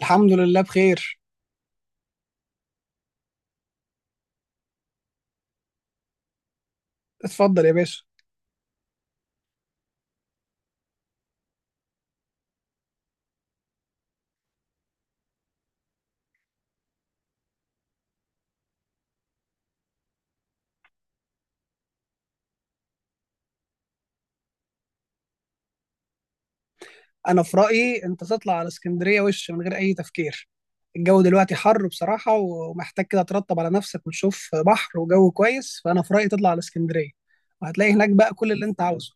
الحمد لله بخير. اتفضل يا باشا. انا في رايي انت تطلع على اسكندريه وش من غير اي تفكير. الجو دلوقتي حر بصراحه، ومحتاج كده ترطب على نفسك وتشوف بحر وجو كويس، فانا في رايي تطلع على اسكندريه. وهتلاقي هناك بقى كل اللي انت عاوزه.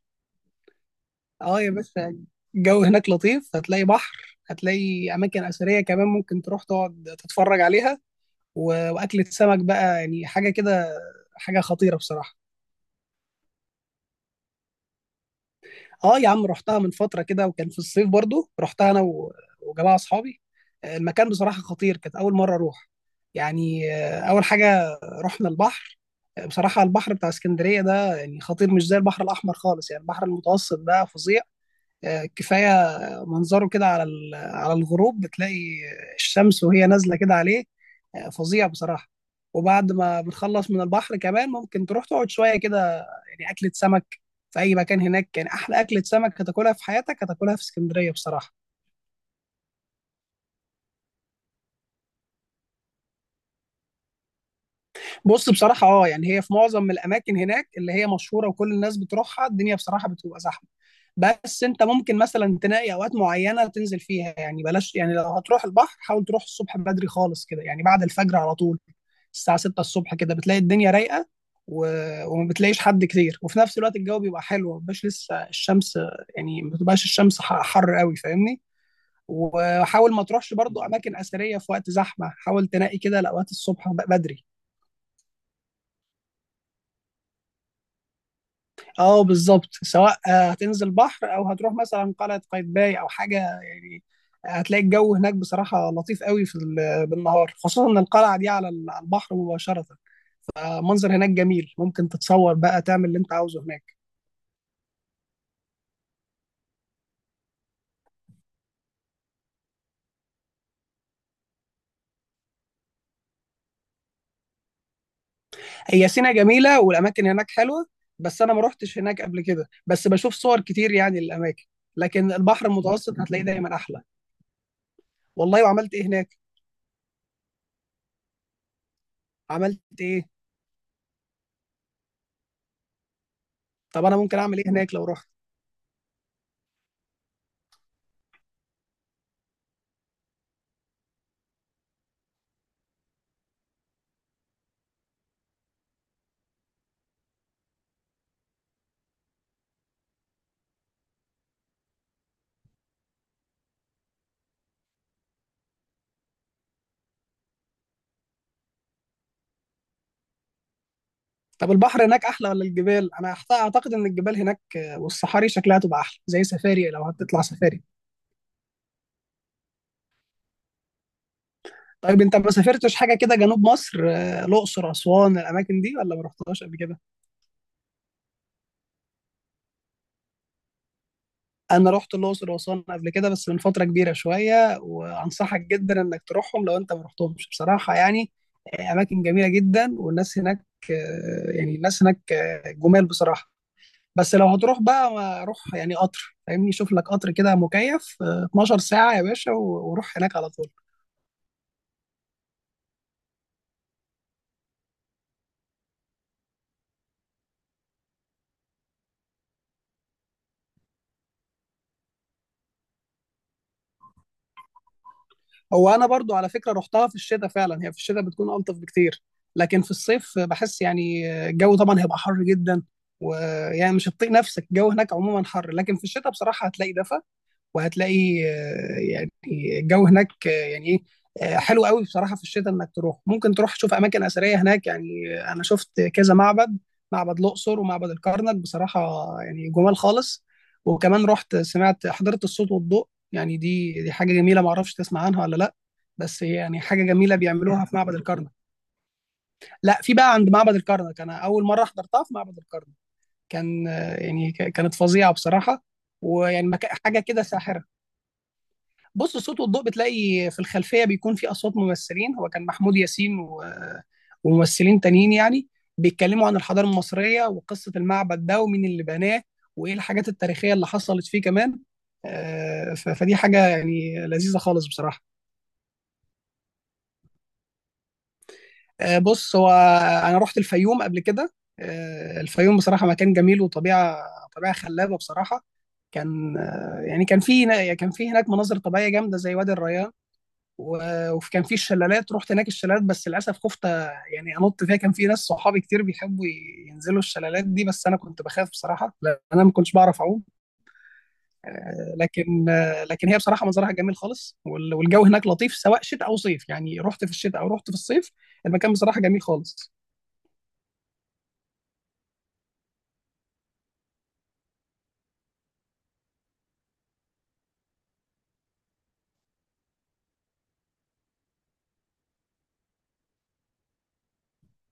اه يا باشا، الجو هناك لطيف، هتلاقي بحر، هتلاقي اماكن اثريه كمان ممكن تروح تقعد تتفرج عليها. واكله سمك بقى يعني حاجه كده، حاجه خطيره بصراحه. اه يا عم، رحتها من فتره كده، وكان في الصيف برضو رحتها انا وجماعه اصحابي. المكان بصراحه خطير، كانت اول مره اروح. يعني اول حاجه رحنا البحر. بصراحه البحر بتاع اسكندريه ده يعني خطير، مش زي البحر الاحمر خالص، يعني البحر المتوسط ده فظيع. كفايه منظره كده على على الغروب، بتلاقي الشمس وهي نازله كده عليه. فظيع بصراحه. وبعد ما بتخلص من البحر كمان ممكن تروح تقعد شويه كده، يعني اكله سمك في اي مكان هناك. يعني احلى اكله سمك هتاكلها في حياتك هتاكلها في اسكندريه بصراحه. بص بصراحة اه، يعني هي في معظم الأماكن هناك اللي هي مشهورة وكل الناس بتروحها الدنيا بصراحة بتبقى زحمة. بس أنت ممكن مثلا تلاقي أوقات معينة تنزل فيها، يعني بلاش، يعني لو هتروح البحر حاول تروح الصبح بدري خالص كده، يعني بعد الفجر على طول. الساعة 6 الصبح كده بتلاقي الدنيا رايقة، و... وما بتلاقيش حد كتير، وفي نفس الوقت الجو بيبقى حلو، ما بيبقاش لسه الشمس، يعني ما بتبقاش الشمس حر قوي، فاهمني. وحاول ما تروحش برضو أماكن أثرية في وقت زحمة، حاول تنقي كده لأوقات الصبح بدري. اه بالظبط، سواء هتنزل بحر او هتروح مثلا قلعه قايتباي او حاجه يعني. هتلاقي الجو هناك بصراحه لطيف قوي في بالنهار، خصوصا ان القلعه دي على على البحر مباشره. منظر هناك جميل، ممكن تتصور بقى تعمل اللي انت عاوزه هناك. هي سينا جميله والاماكن هناك حلوه، بس انا ما روحتش هناك قبل كده، بس بشوف صور كتير يعني للاماكن. لكن البحر المتوسط هتلاقيه دايما احلى. والله، وعملت ايه هناك؟ عملت ايه؟ طب انا ممكن اعمل ايه هناك لو رحت؟ طب البحر هناك احلى ولا الجبال؟ انا اعتقد ان الجبال هناك، والصحاري شكلها تبقى احلى، زي سفاري لو هتطلع سفاري. طيب انت ما سافرتش حاجه كده جنوب مصر، الاقصر اسوان الاماكن دي، ولا ما رحتهاش قبل كده؟ انا رحت الاقصر واسوان قبل كده، بس من فتره كبيره شويه، وانصحك جدا انك تروحهم لو انت ما رحتهمش بصراحه، يعني اماكن جميله جدا، والناس هناك يعني الناس هناك جمال بصراحه. بس لو هتروح بقى، روح يعني قطر، فاهمني، شوف لك قطر كده مكيف، 12 ساعة يا باشا، وروح هناك على طول. هو أنا برضو على فكرة رحتها في الشتاء فعلا، هي في الشتاء بتكون ألطف بكتير، لكن في الصيف بحس يعني الجو طبعا هيبقى حر جدا، ويعني مش هتطيق نفسك، الجو هناك عموما حر، لكن في الشتاء بصراحة هتلاقي دفى. وهتلاقي يعني الجو هناك يعني ايه، حلو قوي بصراحه في الشتاء انك تروح، ممكن تروح تشوف اماكن اثريه هناك، يعني انا شفت كذا معبد، معبد الاقصر ومعبد الكرنك بصراحه، يعني جمال خالص. وكمان رحت سمعت حضرت الصوت والضوء. يعني دي حاجه جميله، ما اعرفش تسمع عنها ولا لا، بس هي يعني حاجه جميله بيعملوها في معبد الكرنك. لا، في بقى عند معبد الكرنك، انا اول مره حضرتها في معبد الكرنك. كان يعني كانت فظيعه بصراحه. ويعني حاجه كده ساحره. بص، الصوت والضوء بتلاقي في الخلفيه بيكون في اصوات ممثلين، هو كان محمود ياسين وممثلين تانيين يعني، بيتكلموا عن الحضاره المصريه وقصه المعبد ده ومين اللي بناه، وايه الحاجات التاريخيه اللي حصلت فيه كمان. فدي حاجه يعني لذيذه خالص بصراحه. بص هو، انا رحت الفيوم قبل كده. الفيوم بصراحه مكان جميل وطبيعه، طبيعه خلابه بصراحه. كان يعني كان في، كان في هناك مناظر طبيعيه جامده زي وادي الريان. وكان في الشلالات، رحت هناك الشلالات، بس للاسف خفت يعني انط فيها. كان في ناس صحابي كتير بيحبوا ينزلوا الشلالات دي، بس انا كنت بخاف بصراحه لان انا ما كنتش بعرف اعوم. لكن لكن هي بصراحه منظرها جميل خالص، والجو هناك لطيف سواء شتاء او صيف، يعني رحت في الشتاء او رحت في الصيف، المكان بصراحه جميل خالص.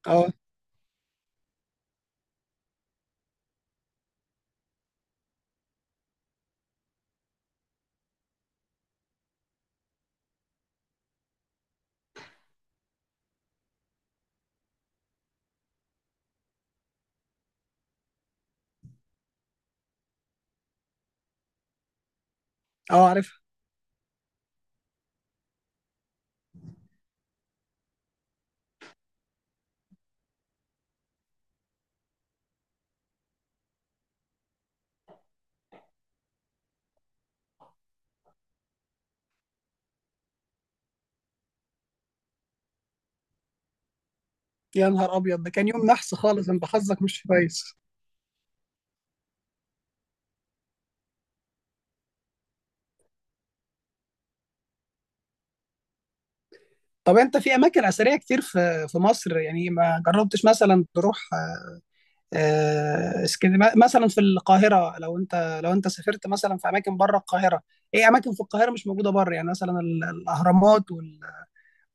اه. اه عارف. يا نهار ابيض، ده كان يوم نحس خالص، انت حظك مش كويس. طب انت في اماكن اثريه كتير في مصر، يعني ما جربتش مثلا تروح اسكندريه مثلا؟ في القاهره، لو انت سافرت مثلا في اماكن بره القاهره، ايه اماكن في القاهره مش موجوده بره، يعني مثلا الاهرامات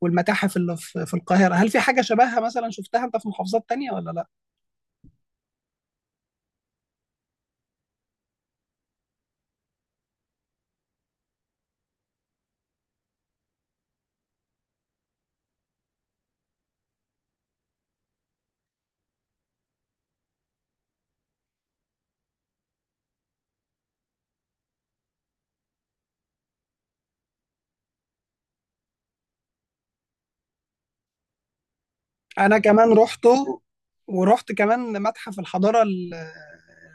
والمتاحف اللي في القاهره، هل في حاجه شبهها مثلا شفتها انت في محافظات تانية ولا لا؟ انا كمان رحته، ورحت كمان متحف الحضاره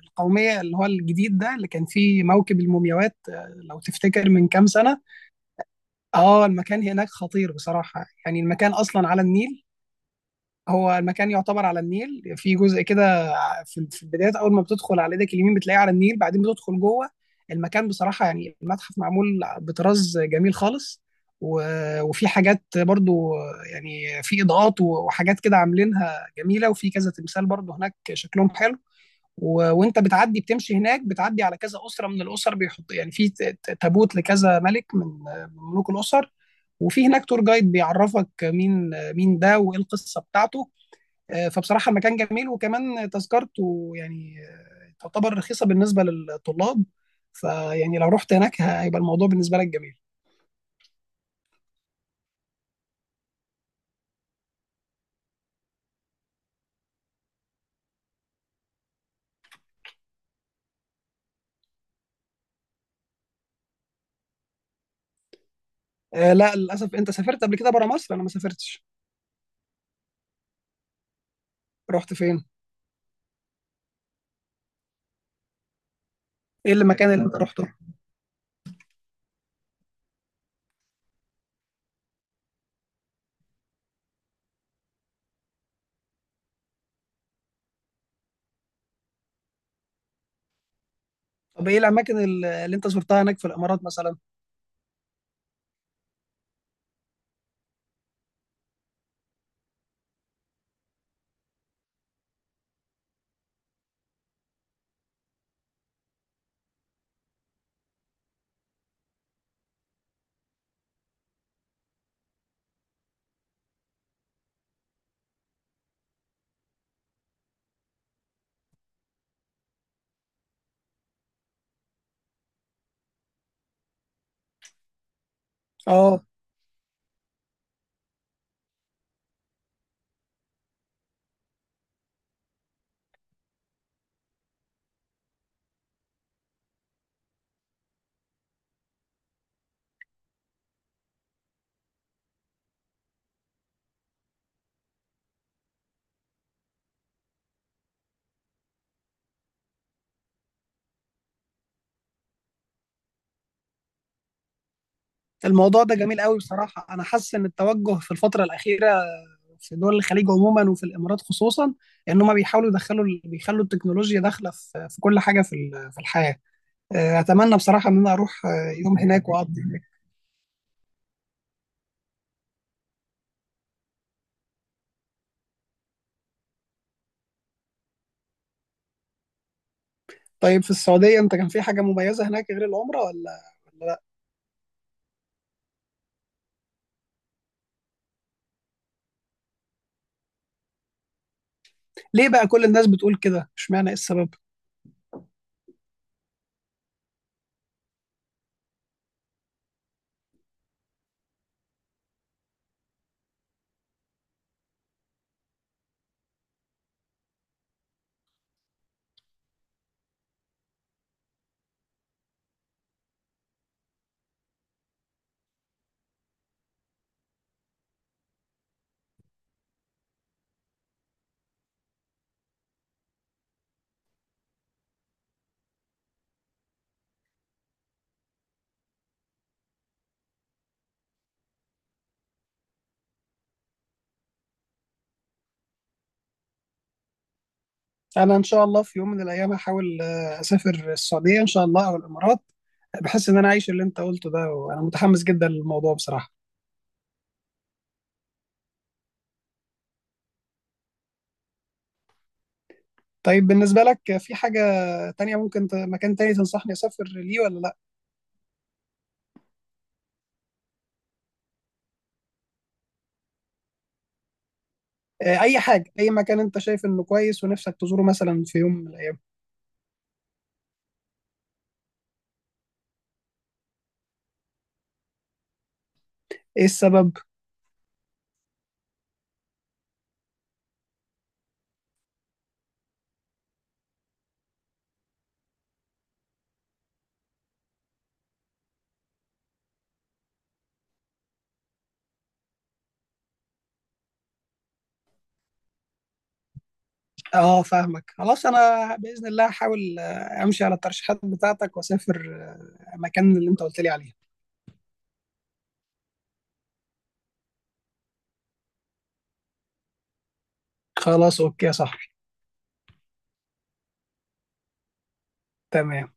القوميه، اللي هو الجديد ده اللي كان فيه موكب المومياوات، لو تفتكر من كام سنه. اه، المكان هناك خطير بصراحه، يعني المكان اصلا على النيل. هو المكان يعتبر على النيل في جزء كده، في البدايات اول ما بتدخل على ايدك اليمين بتلاقيه على النيل، بعدين بتدخل جوه. المكان بصراحه يعني المتحف معمول بطراز جميل خالص. وفي حاجات برضو، يعني في اضاءات وحاجات كده عاملينها جميله، وفي كذا تمثال برضو هناك شكلهم حلو. وانت بتعدي بتمشي هناك بتعدي على كذا اسره من الاسر، بيحط يعني في تابوت لكذا ملك من ملوك الاسر، وفي هناك تور جايد بيعرفك مين مين ده وايه القصه بتاعته. فبصراحة المكان جميل، وكمان تذكرته يعني تعتبر رخيصة بالنسبة للطلاب، فيعني لو رحت هناك هيبقى الموضوع بالنسبة لك جميل. لا للأسف، أنت سافرت قبل كده برا مصر، أنا ما سافرتش. رحت فين؟ إيه المكان اللي أنت رحته؟ طب إيه الأماكن اللي أنت زرتها هناك في الإمارات مثلا؟ آه، الموضوع ده جميل قوي بصراحة، أنا حاسس إن التوجه في الفترة الأخيرة في دول الخليج عموما وفي الإمارات خصوصا، إن هم بيحاولوا يدخلوا بيخلوا التكنولوجيا داخلة في كل حاجة في في الحياة. اتمنى بصراحه ان انا اروح يوم هناك واقضي هناك. طيب في السعوديه انت كان في حاجه مميزه هناك غير العمره ولا؟ ولا لا؟ ليه بقى كل الناس بتقول كده، اشمعنى، ايه السبب؟ انا ان شاء الله في يوم من الايام هحاول اسافر السعوديه ان شاء الله او الامارات. بحس ان انا عايش اللي انت قلته ده، وانا متحمس جدا للموضوع بصراحه. طيب بالنسبه لك في حاجه تانية ممكن مكان تاني تنصحني اسافر ليه ولا لا؟ اي حاجه، اي مكان انت شايف انه كويس ونفسك تزوره مثلا في يوم من الايام. ايه السبب؟ اه فاهمك، خلاص انا باذن الله هحاول امشي على الترشيحات بتاعتك واسافر المكان اللي انت قلت لي عليه. خلاص اوكي يا صاحبي. تمام.